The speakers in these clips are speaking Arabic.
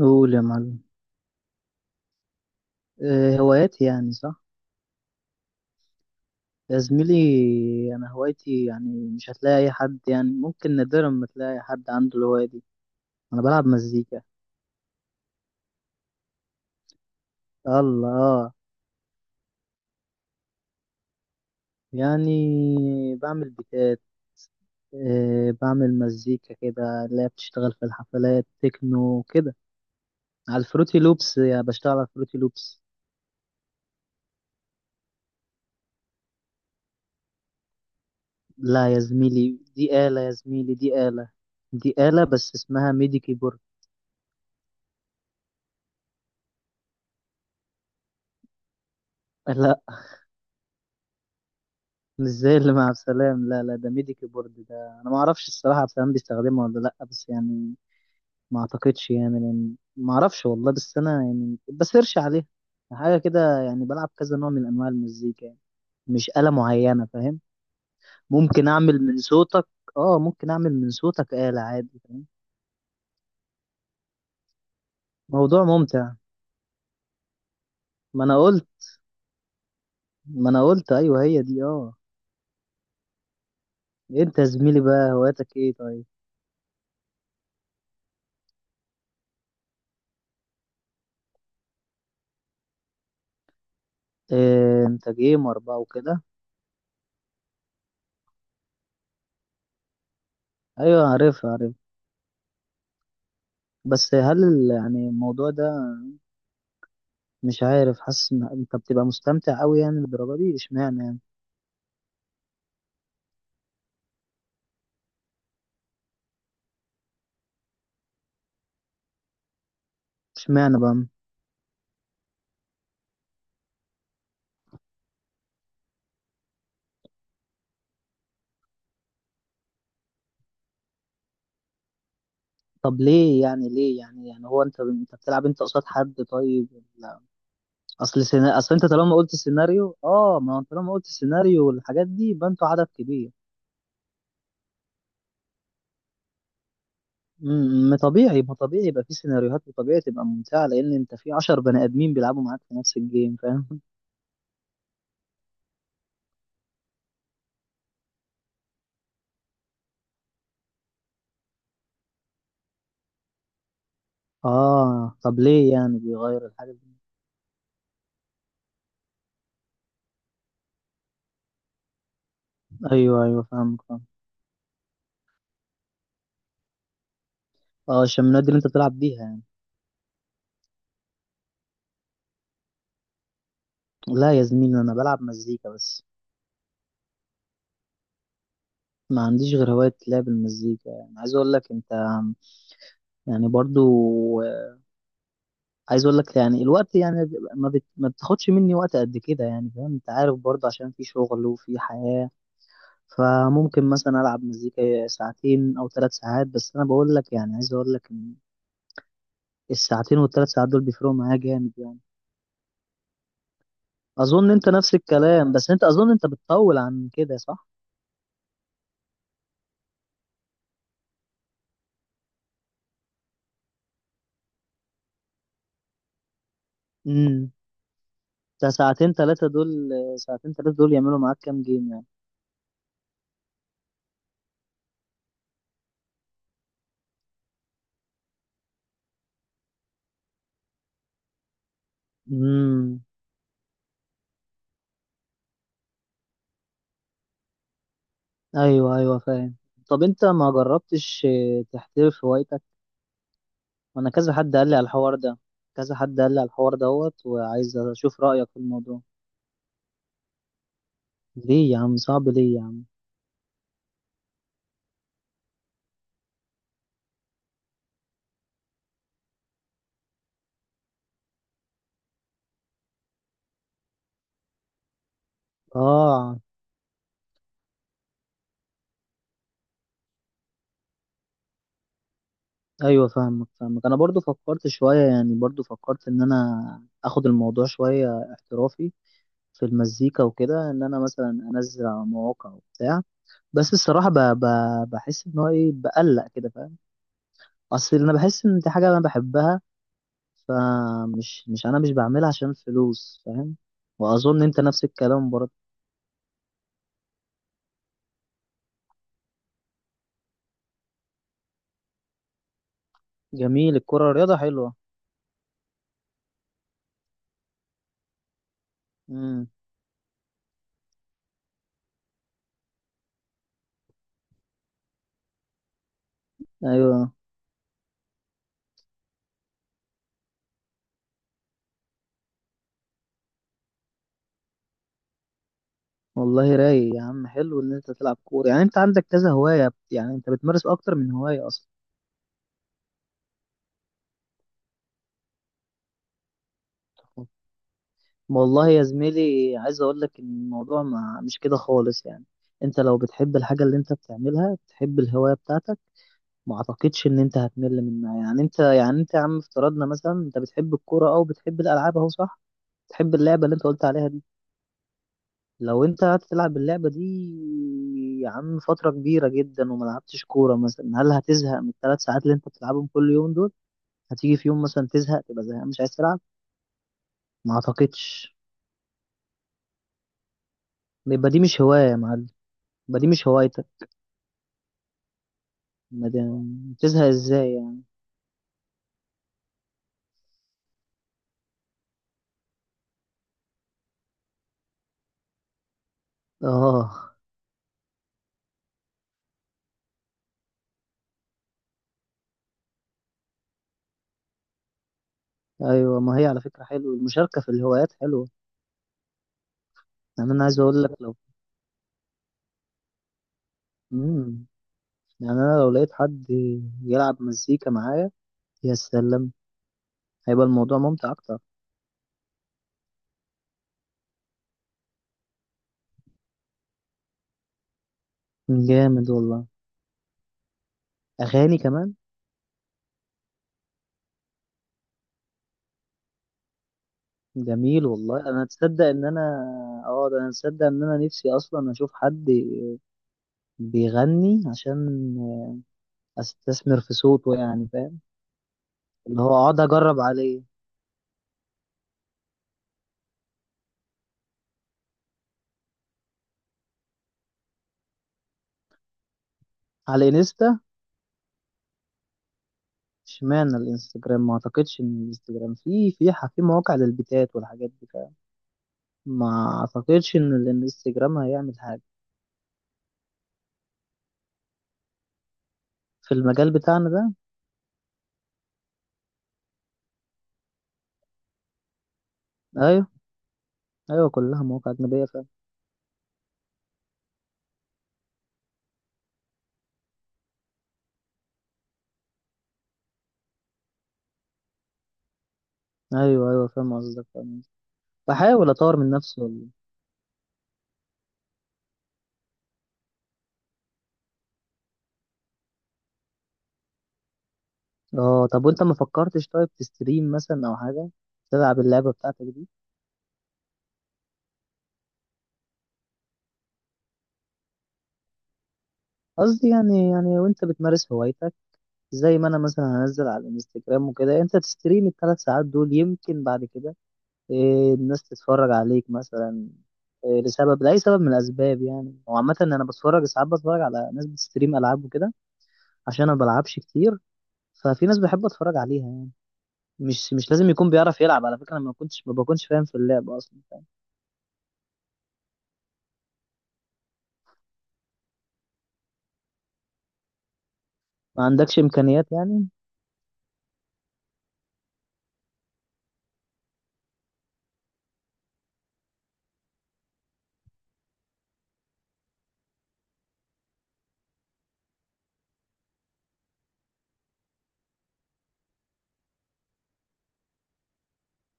قول يا معلم. آه، هواياتي يعني صح. يا زميلي، انا هوايتي يعني مش هتلاقي اي حد، يعني ممكن نادرا ما تلاقي حد عنده الهواية دي. انا بلعب مزيكا. الله آه. يعني بعمل بيتات. آه، بعمل مزيكا كده اللي هي بتشتغل في الحفلات، تكنو كده. على الفروتي لوبس، يعني بشتغل على الفروتي لوبس. لا يا زميلي، دي آلة، يا زميلي دي آلة. دي آلة بس اسمها ميدي كيبورد. لا، مش زي اللي مع عبد السلام، لا لا، ده ميديكي بورد ده. انا ما اعرفش الصراحه عبد السلام بيستخدمه ولا لا، بس يعني ما اعتقدش يعني، لان ما اعرفش والله، بس انا يعني بسيرش عليها حاجه كده. يعني بلعب كذا نوع من انواع المزيكا يعني، مش آلة معينه، فاهم؟ ممكن اعمل من صوتك اه ممكن اعمل من صوتك آلة، عادي، فاهم؟ موضوع ممتع. ما انا قلت ما انا قلت ايوه هي دي اه. انت يا زميلي بقى هواياتك ايه طيب؟ إيه، انت جيمر بقى وكده؟ ايوه عارفها. عارفها. بس هل يعني الموضوع ده، مش عارف، حاسس ان انت بتبقى مستمتع قوي يعني بالدرجه دي، اشمعنى يعني؟ اشمعنى بقى؟ طب ليه يعني، يعني هو انت بتلعب انت قصاد حد طيب، ولا؟ اصل انت طالما قلت سيناريو، اه ما هو انت طالما قلت سيناريو والحاجات دي، يبقى انتوا عدد كبير. امم، ما طبيعي يبقى في سيناريوهات، وطبيعي تبقى ممتعه، لان انت في 10 بني ادمين بيلعبوا معاك في نفس الجيم، فاهم؟ اه، طب ليه يعني بيغير الحاجه دي؟ ايوه ايوه، فاهمك، فاهم. اه، عشان النادي اللي انت بتلعب بيها يعني. لا يا زميلي، انا بلعب مزيكا بس. ما عنديش غير هواية لعب المزيكا، يعني عايز اقول لك انت، يعني برضو عايز اقول لك يعني الوقت يعني ما بتاخدش مني وقت قد كده يعني، فاهم؟ انت عارف برضو عشان في شغل وفي حياة. فممكن مثلا العب مزيكا ساعتين او 3 ساعات، بس انا بقول لك يعني، عايز اقول لك ان الساعتين والثلاث ساعات دول بيفرقوا معايا جامد يعني. اظن انت نفس الكلام، بس انت اظن انت بتطول عن كده، صح؟ امم. ده ساعتين ثلاثة دول، ساعتين ثلاثة دول يعملوا معاك كام جيم يعني؟ امم. ايوه ايوه فاهم. طب انت ما جربتش آه، تحترف هوايتك؟ وانا كذا حد قال لي على الحوار ده. كذا حد قال لي على الحوار دوت، وعايز اشوف رايك في الموضوع. ليه يا عم صعب؟ ليه يا عم؟ اه. ايوه فاهمك، فاهمك. انا برضو فكرت شويه، يعني برضو فكرت ان انا اخد الموضوع شويه احترافي في المزيكا وكده، ان انا مثلا انزل على مواقع وبتاع. بس الصراحه ب... بحس ان هو ايه، بقلق كده، فاهم؟ اصل انا بحس ان دي حاجه انا بحبها، فمش مش انا مش بعملها عشان فلوس، فاهم؟ واظن انت نفس الكلام برضه. جميل، الكرة رياضة حلوة. امم. ايوه. والله رايق يا عم، حلو ان انت تلعب كورة. يعني انت عندك كذا هواية، يعني انت بتمارس اكتر من هواية اصلا. والله يا زميلي، عايز اقول لك ان الموضوع ما مش كده خالص يعني. انت لو بتحب الحاجة اللي انت بتعملها، بتحب الهواية بتاعتك، ما اعتقدش ان انت هتمل منها يعني. انت يعني، انت يا عم افترضنا مثلا انت بتحب الكورة او بتحب الالعاب، اهو صح، بتحب اللعبة اللي انت قلت عليها دي. لو انت هتلعب اللعبة دي يا عم فترة كبيرة جدا وما لعبتش كورة مثلا، هل هتزهق من ال3 ساعات اللي انت بتلعبهم كل يوم دول؟ هتيجي في يوم مثلا تزهق، تبقى زهقان مش عايز تلعب؟ ما اعتقدش. يبقى دي مش هواية يا معلم، يبقى دي مش هوايتك. ما تزهق ازاي يعني؟ اه ايوه، ما هي على فكرة حلوة، المشاركة في الهوايات حلوة. يعني انا عايز اقول لك لو مم. يعني انا لو لقيت حد يلعب مزيكا معايا، يا سلام، هيبقى الموضوع ممتع اكتر. جامد والله، اغاني كمان. جميل والله، انا تصدق ان انا اه ده انا تصدق ان انا نفسي اصلا اشوف حد بيغني عشان استثمر في صوته يعني، فاهم؟ اللي هو اقعد اجرب عليه. على انستا؟ اشمعنى الانستجرام؟ ما اعتقدش ان الانستجرام في مواقع للبيتات والحاجات دي، فاهم؟ ما اعتقدش ان الانستجرام هيعمل حاجه في المجال بتاعنا ده. ايوه. ايوه كلها مواقع اجنبيه، فاهم؟ ايوه ايوه، فاهم قصدك، فاهم قصدك. بحاول اطور من نفسي والله. اه، طب وانت ما فكرتش طيب تستريم مثلا او حاجه، تلعب اللعبه بتاعتك دي؟ قصدي يعني وانت بتمارس هوايتك، زي ما انا مثلا هنزل على الانستجرام وكده، انت تستريم ال3 ساعات دول، يمكن بعد كده إيه، الناس تتفرج عليك مثلا إيه لاي سبب من الاسباب يعني. وعامه انا بتفرج ساعات، بتفرج على ناس بتستريم العاب وكده، عشان انا ما بلعبش كتير. ففي ناس بحب اتفرج عليها يعني. مش لازم يكون بيعرف يلعب، على فكره انا ما بكونش فاهم في اللعب اصلا، فاهم؟ ما عندكش امكانيات يعني؟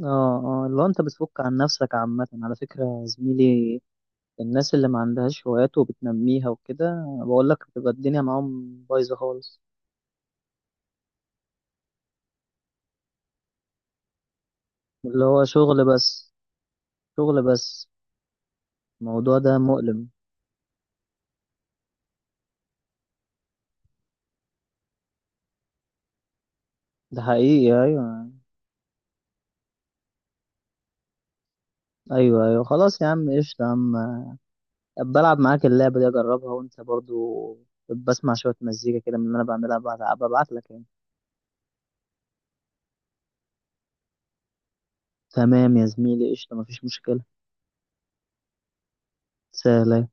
اه اه، لو انت بتفك عن نفسك عامة على فكرة يا زميلي، الناس اللي ما عندهاش هوايات وبتنميها وكده، بقول لك بتبقى الدنيا معاهم بايظة خالص. اللي هو شغل بس، شغل بس. الموضوع ده مؤلم. ده حقيقي، ايوه. ايوه ايوه خلاص يا عم، قشطة يا عم، بلعب معاك اللعبة دي اجربها، وانت برضو بسمع شوية مزيكا كده من اللي انا بعملها، ببعت لك يعني. تمام يا زميلي، قشطة، مفيش مشكلة، سهلة